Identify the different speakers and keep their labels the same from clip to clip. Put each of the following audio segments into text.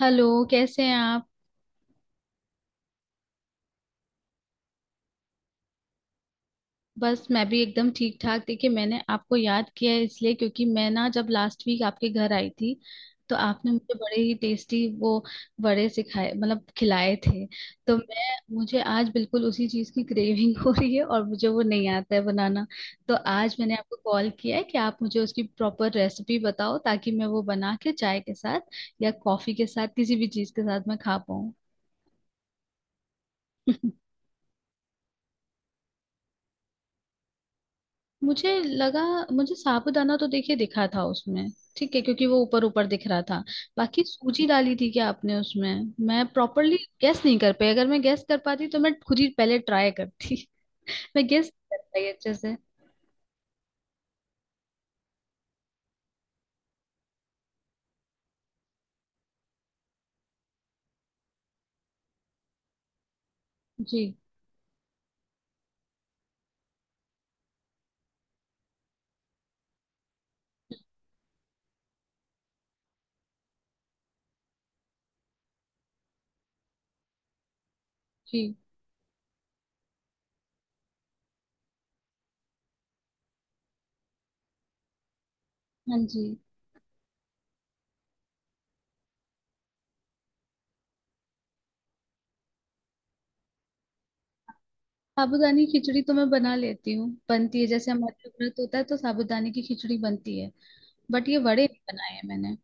Speaker 1: Hello, कैसे हैं आप। बस मैं भी एकदम ठीक ठाक। देखिए, मैंने आपको याद किया है इसलिए क्योंकि मैं ना जब लास्ट वीक आपके घर आई थी तो आपने मुझे बड़े ही टेस्टी वो बड़े सिखाए मतलब खिलाए थे। तो मैं मुझे आज बिल्कुल उसी चीज़ की क्रेविंग हो रही है और मुझे वो नहीं आता है बनाना। तो आज मैंने आपको कॉल किया है कि आप मुझे उसकी प्रॉपर रेसिपी बताओ ताकि मैं वो बना के चाय के साथ या कॉफ़ी के साथ किसी भी चीज़ के साथ मैं खा पाऊँ। मुझे लगा मुझे साबूदाना तो देखिए दिखा था उसमें, ठीक है, क्योंकि वो ऊपर ऊपर दिख रहा था। बाकी सूजी डाली थी क्या आपने उसमें? मैं प्रॉपरली गैस नहीं कर पाई। अगर मैं गैस कर पाती तो मैं खुद ही पहले ट्राई करती। मैं गैस नहीं कर पाई अच्छे से। जी। जी। हाँ जी। साबूदानी खिचड़ी तो मैं बना लेती हूँ, बनती है, जैसे हमारे यहाँ व्रत होता है तो साबूदाने की खिचड़ी बनती है। बट ये वड़े नहीं बनाए हैं मैंने।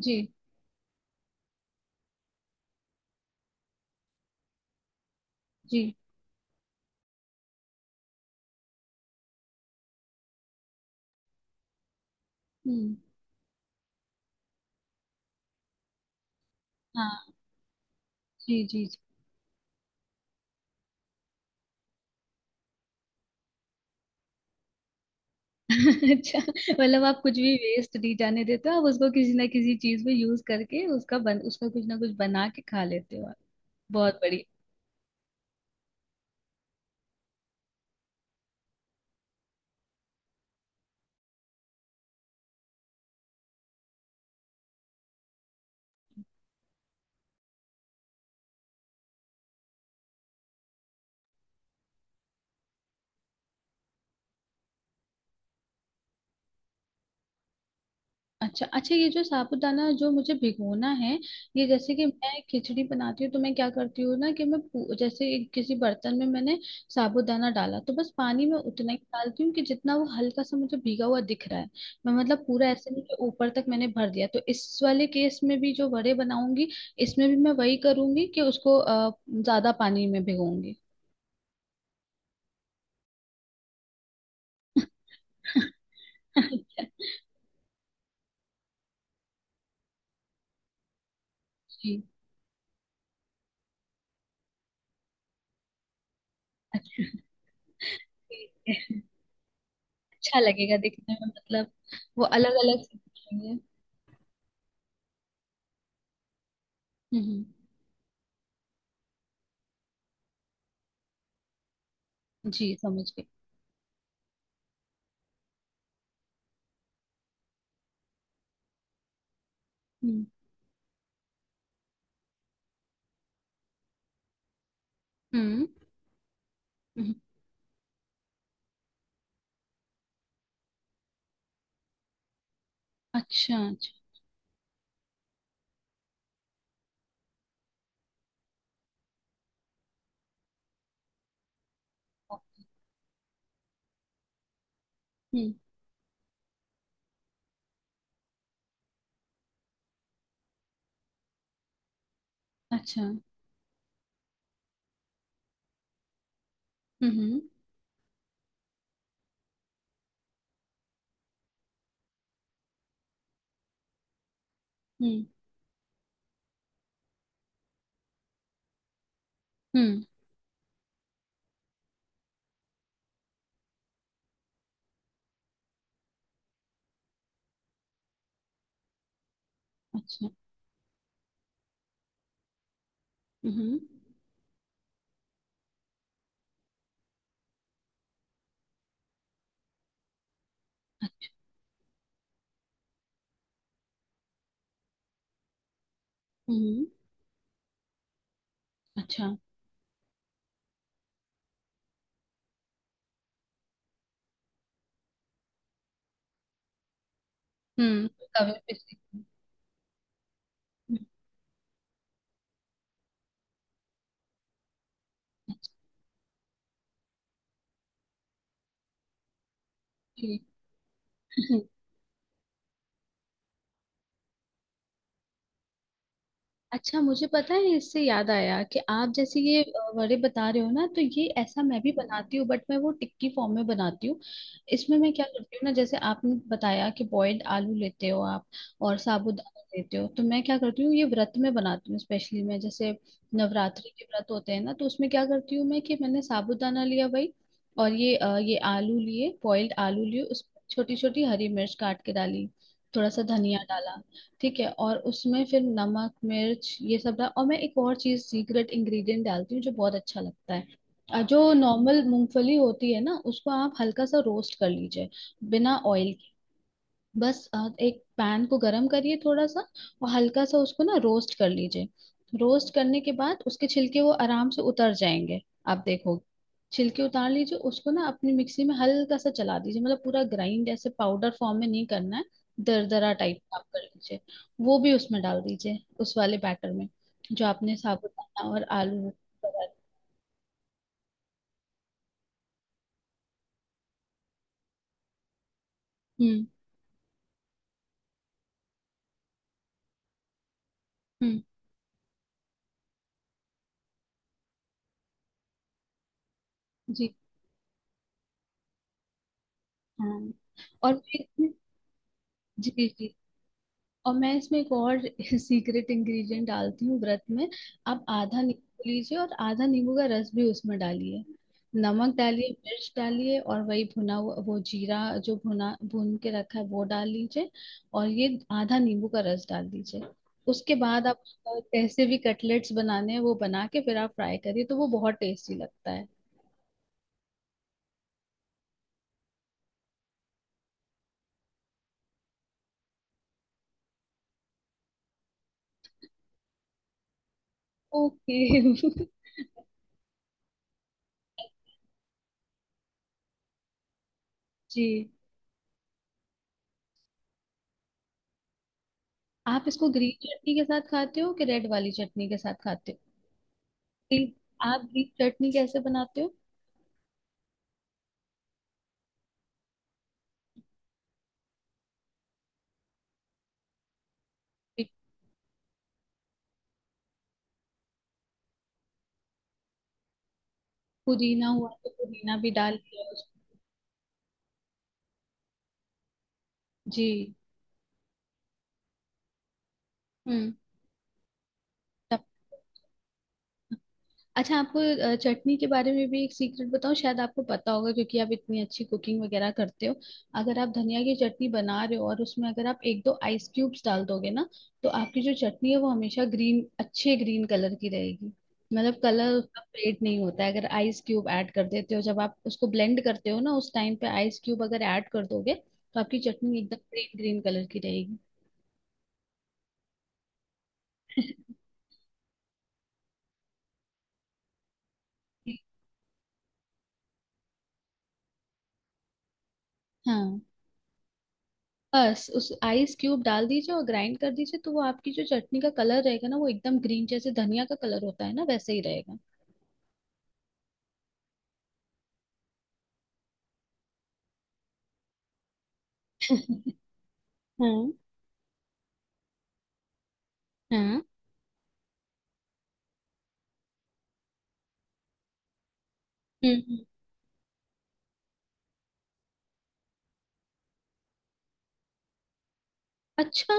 Speaker 1: जी जी। हम्म। हाँ जी जी। अच्छा, मतलब आप कुछ भी वेस्ट नहीं जाने देते हो। आप उसको किसी ना किसी चीज में यूज करके उसका कुछ ना कुछ बना के खा लेते हो आप। बहुत बढ़िया। अच्छा अच्छा, ये जो साबूदाना जो मुझे भिगोना है, ये जैसे कि मैं खिचड़ी बनाती हूँ तो मैं क्या करती हूँ ना कि मैं जैसे एक किसी बर्तन में मैंने साबूदाना डाला तो बस पानी में उतना ही डालती हूँ कि जितना वो हल्का सा मुझे भीगा हुआ दिख रहा है। मैं मतलब पूरा ऐसे नहीं कि ऊपर तक मैंने भर दिया। तो इस वाले केस में भी जो वड़े बनाऊंगी, इसमें भी मैं वही करूंगी कि उसको ज्यादा पानी में भिगोऊंगी। अच्छा। जी। अच्छा। ठीक है। अच्छा लगेगा दिखने में, मतलब वो अलग अलग से दिखेंगे। हम्म। जी, समझ गई। हम्म हम्म हम्म। अच्छा अच्छा। हम्म। अच्छा। हम्म हम्म हम्म। अच्छा। हम्म। अच्छा। हम्म। अच्छा। हम्म। कभी भी सीख- हम्म। अच्छा। ठीक। अच्छा, मुझे पता है, इससे याद आया कि आप जैसे ये वड़े बता रहे हो ना, तो ये ऐसा मैं भी बनाती हूँ बट मैं वो टिक्की फॉर्म में बनाती हूँ। इसमें मैं क्या करती हूँ ना, जैसे आपने बताया कि बॉइल्ड आलू लेते हो आप और साबूदाना लेते हो, तो मैं क्या करती हूँ, ये व्रत में बनाती हूँ स्पेशली मैं। जैसे नवरात्रि के व्रत होते हैं ना, तो उसमें क्या करती हूँ मैं कि मैंने साबूदाना लिया भाई, और ये ये आलू लिए, बॉइल्ड आलू लिए, उस छोटी छोटी हरी मिर्च काट के डाली, थोड़ा सा धनिया डाला, ठीक है, और उसमें फिर नमक मिर्च ये सब डाल, और मैं एक और चीज सीक्रेट इंग्रेडिएंट डालती हूँ जो बहुत अच्छा लगता है। जो नॉर्मल मूंगफली होती है ना, उसको आप हल्का सा रोस्ट कर लीजिए, बिना ऑयल। बस एक पैन को गरम करिए थोड़ा सा और हल्का सा उसको ना रोस्ट कर लीजिए। रोस्ट करने के बाद उसके छिलके वो आराम से उतर जाएंगे, आप देखो। छिलके उतार लीजिए, उसको ना अपनी मिक्सी में हल्का सा चला दीजिए। मतलब पूरा ग्राइंड ऐसे पाउडर फॉर्म में नहीं करना है, दरदरा टाइप का आप कर लीजिए। वो भी उसमें डाल दीजिए, उस वाले बैटर में, जो आपने साबुदाना और आलू। हम्म हम्म। जी। हाँ और फिर जी जी। और मैं इसमें एक और सीक्रेट इंग्रेडिएंट डालती हूँ व्रत में। आप आधा नींबू लीजिए और आधा नींबू का रस भी उसमें डालिए। नमक डालिए, मिर्च डालिए, और वही भुना हुआ वो जीरा, जो भुना भून के रखा है वो डाल लीजिए, और ये आधा नींबू का रस डाल दीजिए। उसके बाद आप कैसे भी कटलेट्स बनाने हैं वो बना के फिर आप फ्राई करिए तो वो बहुत टेस्टी लगता है। ओके। जी। आप इसको ग्रीन चटनी के साथ खाते हो कि रेड वाली चटनी के साथ खाते हो? ग्रीन। आप ग्रीन चटनी कैसे बनाते हो? पुदीना हुआ तो पुदीना भी डाल दिया उसमें। जी। हम्म। अच्छा, आपको चटनी के बारे में भी एक सीक्रेट बताऊं? शायद आपको पता होगा क्योंकि आप इतनी अच्छी कुकिंग वगैरह करते हो। अगर आप धनिया की चटनी बना रहे हो और उसमें अगर आप एक दो आइस क्यूब्स डाल दोगे ना, तो आपकी जो चटनी है वो हमेशा ग्रीन, अच्छे ग्रीन कलर की रहेगी। मतलब कलर उसका फेड नहीं होता है अगर आइस क्यूब ऐड कर देते हो। जब आप उसको ब्लेंड करते हो ना, उस टाइम पे आइस क्यूब अगर ऐड कर दोगे तो आपकी चटनी एकदम ग्रीन ग्रीन कलर की रहेगी। हाँ। बस उस आइस क्यूब डाल दीजिए और ग्राइंड कर दीजिए तो वो आपकी जो चटनी का कलर रहेगा ना, वो एकदम ग्रीन, जैसे धनिया का कलर होता है ना वैसे ही रहेगा। हाँ। हाँ। हम्म हम्म। अच्छा।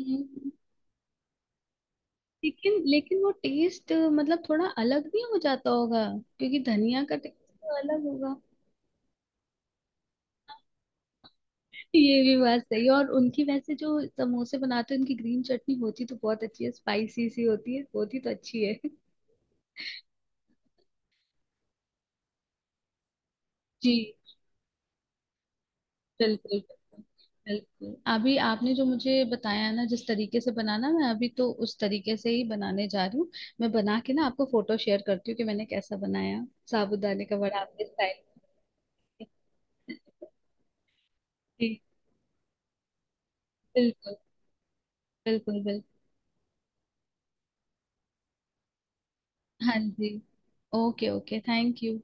Speaker 1: हम्म। लेकिन लेकिन वो टेस्ट मतलब थोड़ा अलग भी हो जाता होगा, क्योंकि धनिया का टेस्ट तो अलग होगा। ये भी बात सही है। और उनकी वैसे जो समोसे बनाते हैं उनकी ग्रीन चटनी होती तो बहुत अच्छी है, स्पाइसी सी होती है, होती तो अच्छी है। जी। बिल्कुल बिल्कुल। बिल्कुल। अभी आपने जो मुझे बताया ना जिस तरीके से बनाना, मैं अभी तो उस तरीके से ही बनाने जा रही हूँ। मैं बना के ना आपको फोटो शेयर करती हूँ कि मैंने कैसा बनाया, साबूदाने का वड़ा, आपके स्टाइल। जी बिल्कुल बिल्कुल बिल्कुल। हाँ जी। Okay okay, thank you.